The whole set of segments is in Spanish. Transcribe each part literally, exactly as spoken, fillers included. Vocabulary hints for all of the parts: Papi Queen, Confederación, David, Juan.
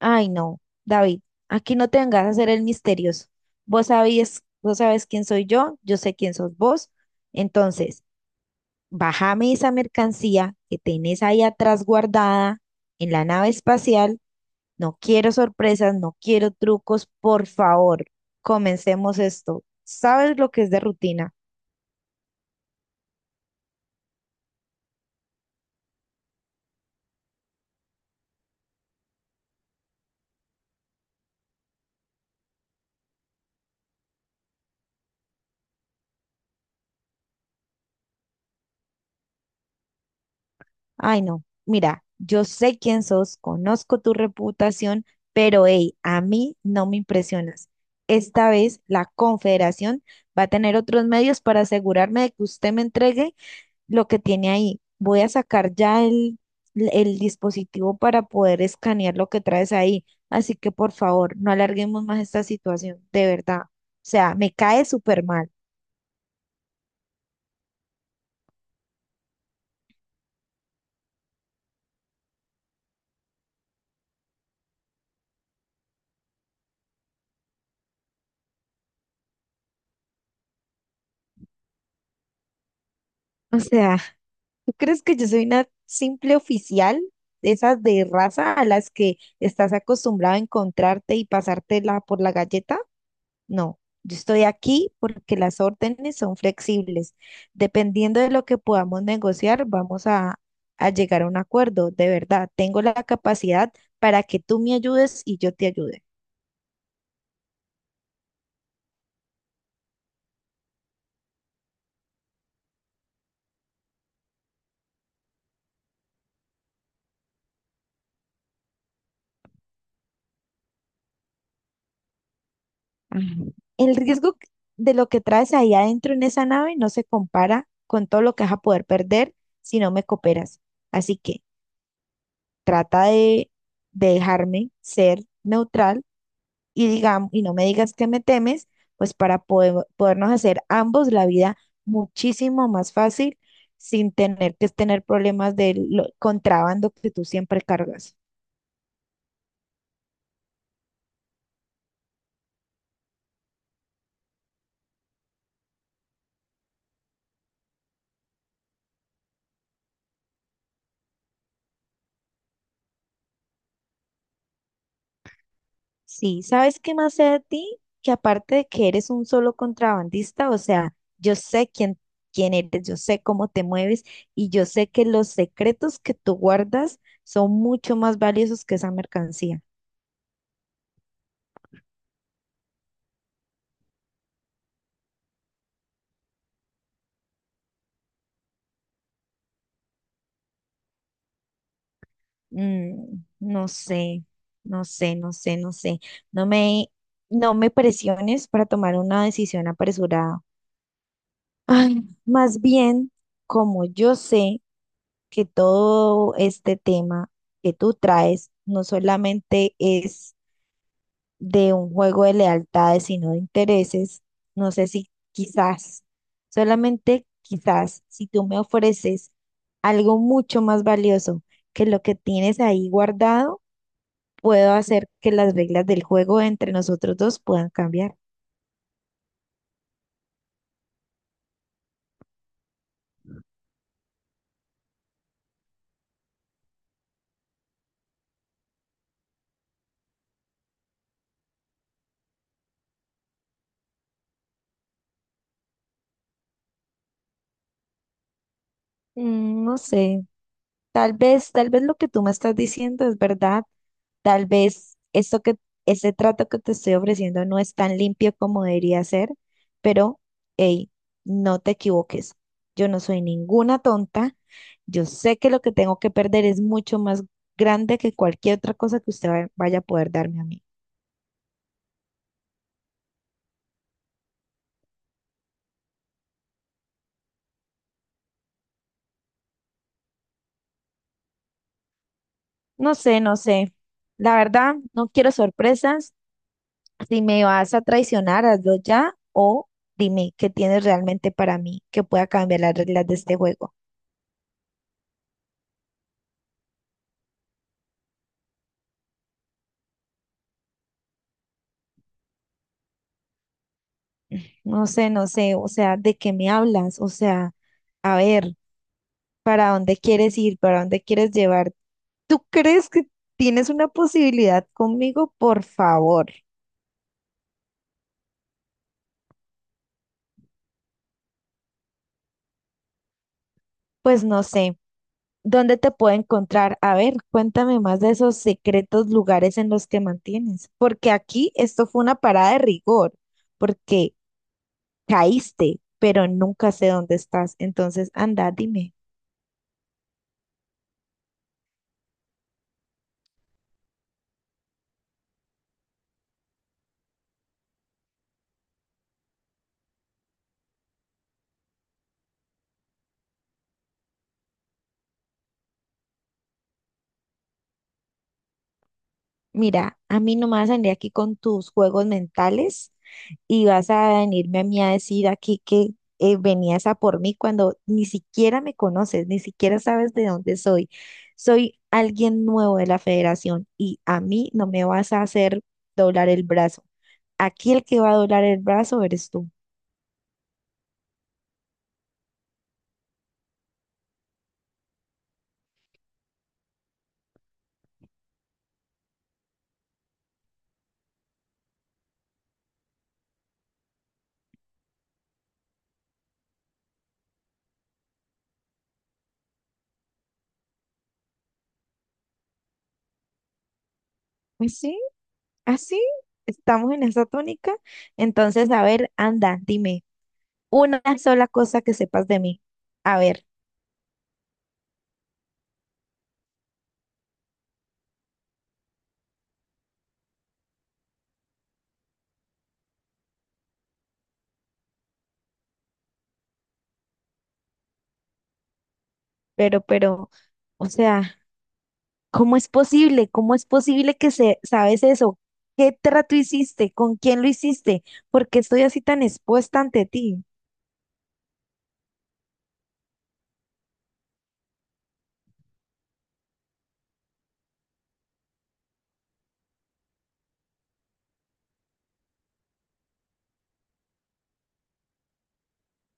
Ay, no, David, aquí no te vengas a hacer el misterioso. Vos sabías, vos sabes quién soy yo, yo sé quién sos vos. Entonces, bájame esa mercancía que tenés ahí atrás guardada en la nave espacial. No quiero sorpresas, no quiero trucos, por favor, comencemos esto. ¿Sabes lo que es de rutina? Ay, no. Mira, yo sé quién sos, conozco tu reputación, pero hey, a mí no me impresionas. Esta vez la Confederación va a tener otros medios para asegurarme de que usted me entregue lo que tiene ahí. Voy a sacar ya el, el dispositivo para poder escanear lo que traes ahí. Así que por favor, no alarguemos más esta situación, de verdad. O sea, me cae súper mal. O sea, ¿tú crees que yo soy una simple oficial, de esas de raza a las que estás acostumbrado a encontrarte y pasártela por la galleta? No, yo estoy aquí porque las órdenes son flexibles. Dependiendo de lo que podamos negociar, vamos a, a llegar a un acuerdo. De verdad, tengo la capacidad para que tú me ayudes y yo te ayude. Ujú. El riesgo que- de lo que traes ahí adentro en esa nave no se compara con todo lo que vas a poder perder si no me cooperas. Así que trata de, de dejarme ser neutral y digamos, y no me digas que me temes, pues para poder- podernos hacer ambos la vida muchísimo más fácil sin tener que tener problemas del contrabando que tú siempre cargas. Sí, ¿sabes qué más sé de ti? Que aparte de que eres un solo contrabandista, o sea, yo sé quién, quién eres, yo sé cómo te mueves y yo sé que los secretos que tú guardas son mucho más valiosos que esa mercancía. Mm, no sé, no sé, no sé, no sé. No me, no me presiones para tomar una decisión apresurada. Ay, más bien, como yo sé que todo este tema que tú traes no solamente es de un juego de lealtades, sino de intereses, no sé si quizás, solamente quizás, si tú me ofreces algo mucho más valioso que lo que tienes ahí guardado, puedo hacer que las reglas del juego entre nosotros dos puedan cambiar. Mm, No sé, tal vez, tal vez lo que tú me estás diciendo es verdad, tal vez esto que, ese trato que te estoy ofreciendo no es tan limpio como debería ser, pero, hey, no te equivoques, yo no soy ninguna tonta, yo sé que lo que tengo que perder es mucho más grande que cualquier otra cosa que usted va- vaya a poder darme a mí. No sé, no sé, la verdad, no quiero sorpresas. Si me vas a traicionar, hazlo ya o dime qué tienes realmente para mí que pueda cambiar las reglas de este juego. No sé, no sé, o sea, ¿de qué me hablas? O sea, a ver, ¿para dónde quieres ir? ¿Para dónde quieres llevar? ¿Tú crees que tienes una posibilidad conmigo? Por favor. Pues no sé, ¿dónde te puedo encontrar? A ver, cuéntame más de esos secretos lugares en los que mantienes, porque aquí esto fue una parada de rigor, porque caíste, pero nunca sé dónde estás. Entonces, anda, dime. Mira, a mí no me vas a venir aquí con tus juegos mentales y vas a venirme a mí a decir aquí que eh, venías a por mí cuando ni siquiera me conoces, ni siquiera sabes de dónde soy. Soy alguien nuevo de la federación y a mí no me vas a hacer doblar el brazo. Aquí el que va a doblar el brazo eres tú. Pues sí, así estamos en esa tónica. Entonces, a ver, anda, dime. Una sola cosa que sepas de mí. A ver, pero, pero, o sea, ¿cómo es posible? ¿Cómo es posible que se, sabes eso? ¿Qué trato hiciste? ¿Con quién lo hiciste? ¿Por qué estoy así tan expuesta ante ti?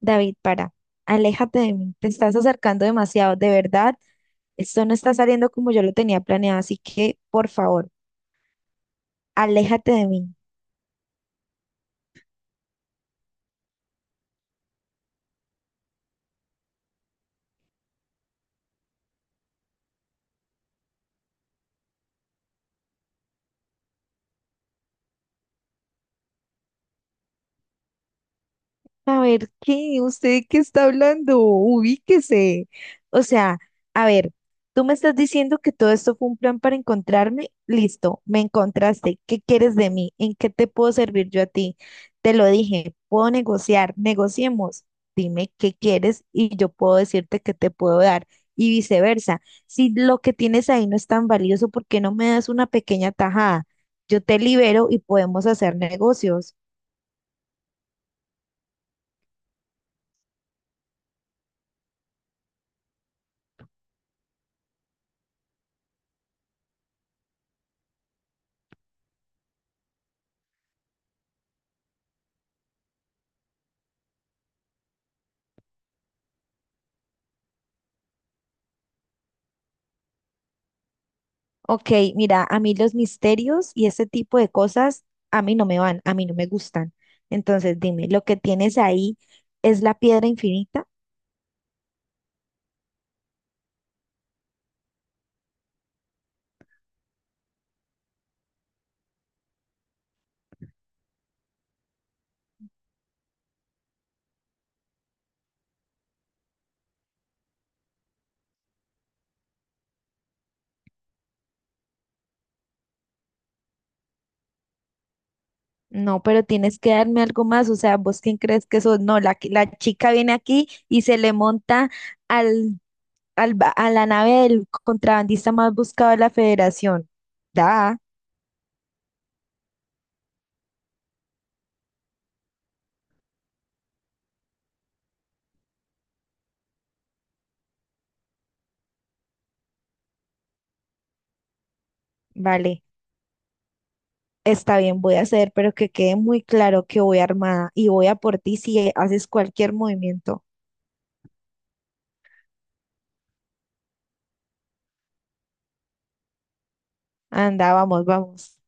David, para, aléjate de mí. Te estás acercando demasiado, de verdad. Esto no está saliendo como yo lo tenía planeado, así que, por favor, aléjate de mí. A ver, ¿qué? ¿Usted qué está hablando? Ubíquese. O sea, a ver, tú me estás diciendo que todo esto fue un plan para encontrarme. Listo, me encontraste. ¿Qué quieres de mí? ¿En qué te puedo servir yo a ti? Te lo dije, puedo negociar, negociemos. Dime qué quieres y yo puedo decirte qué te puedo dar y viceversa. Si lo que tienes ahí no es tan valioso, ¿por qué no me das una pequeña tajada? Yo te libero y podemos hacer negocios. Ok, mira, a mí los misterios y ese tipo de cosas a mí no me van, a mí no me gustan. Entonces, dime, ¿lo que tienes ahí es la piedra infinita? No, pero tienes que darme algo más. O sea, ¿vos quién crees que sos? No, la, que- la chica viene aquí y se le monta al, al, ba- a la nave del contrabandista más buscado de la federación. Da, vale. Está bien, voy a hacer, pero que quede muy claro que voy armada y voy a por ti si haces cualquier movimiento. Anda, vamos, vamos.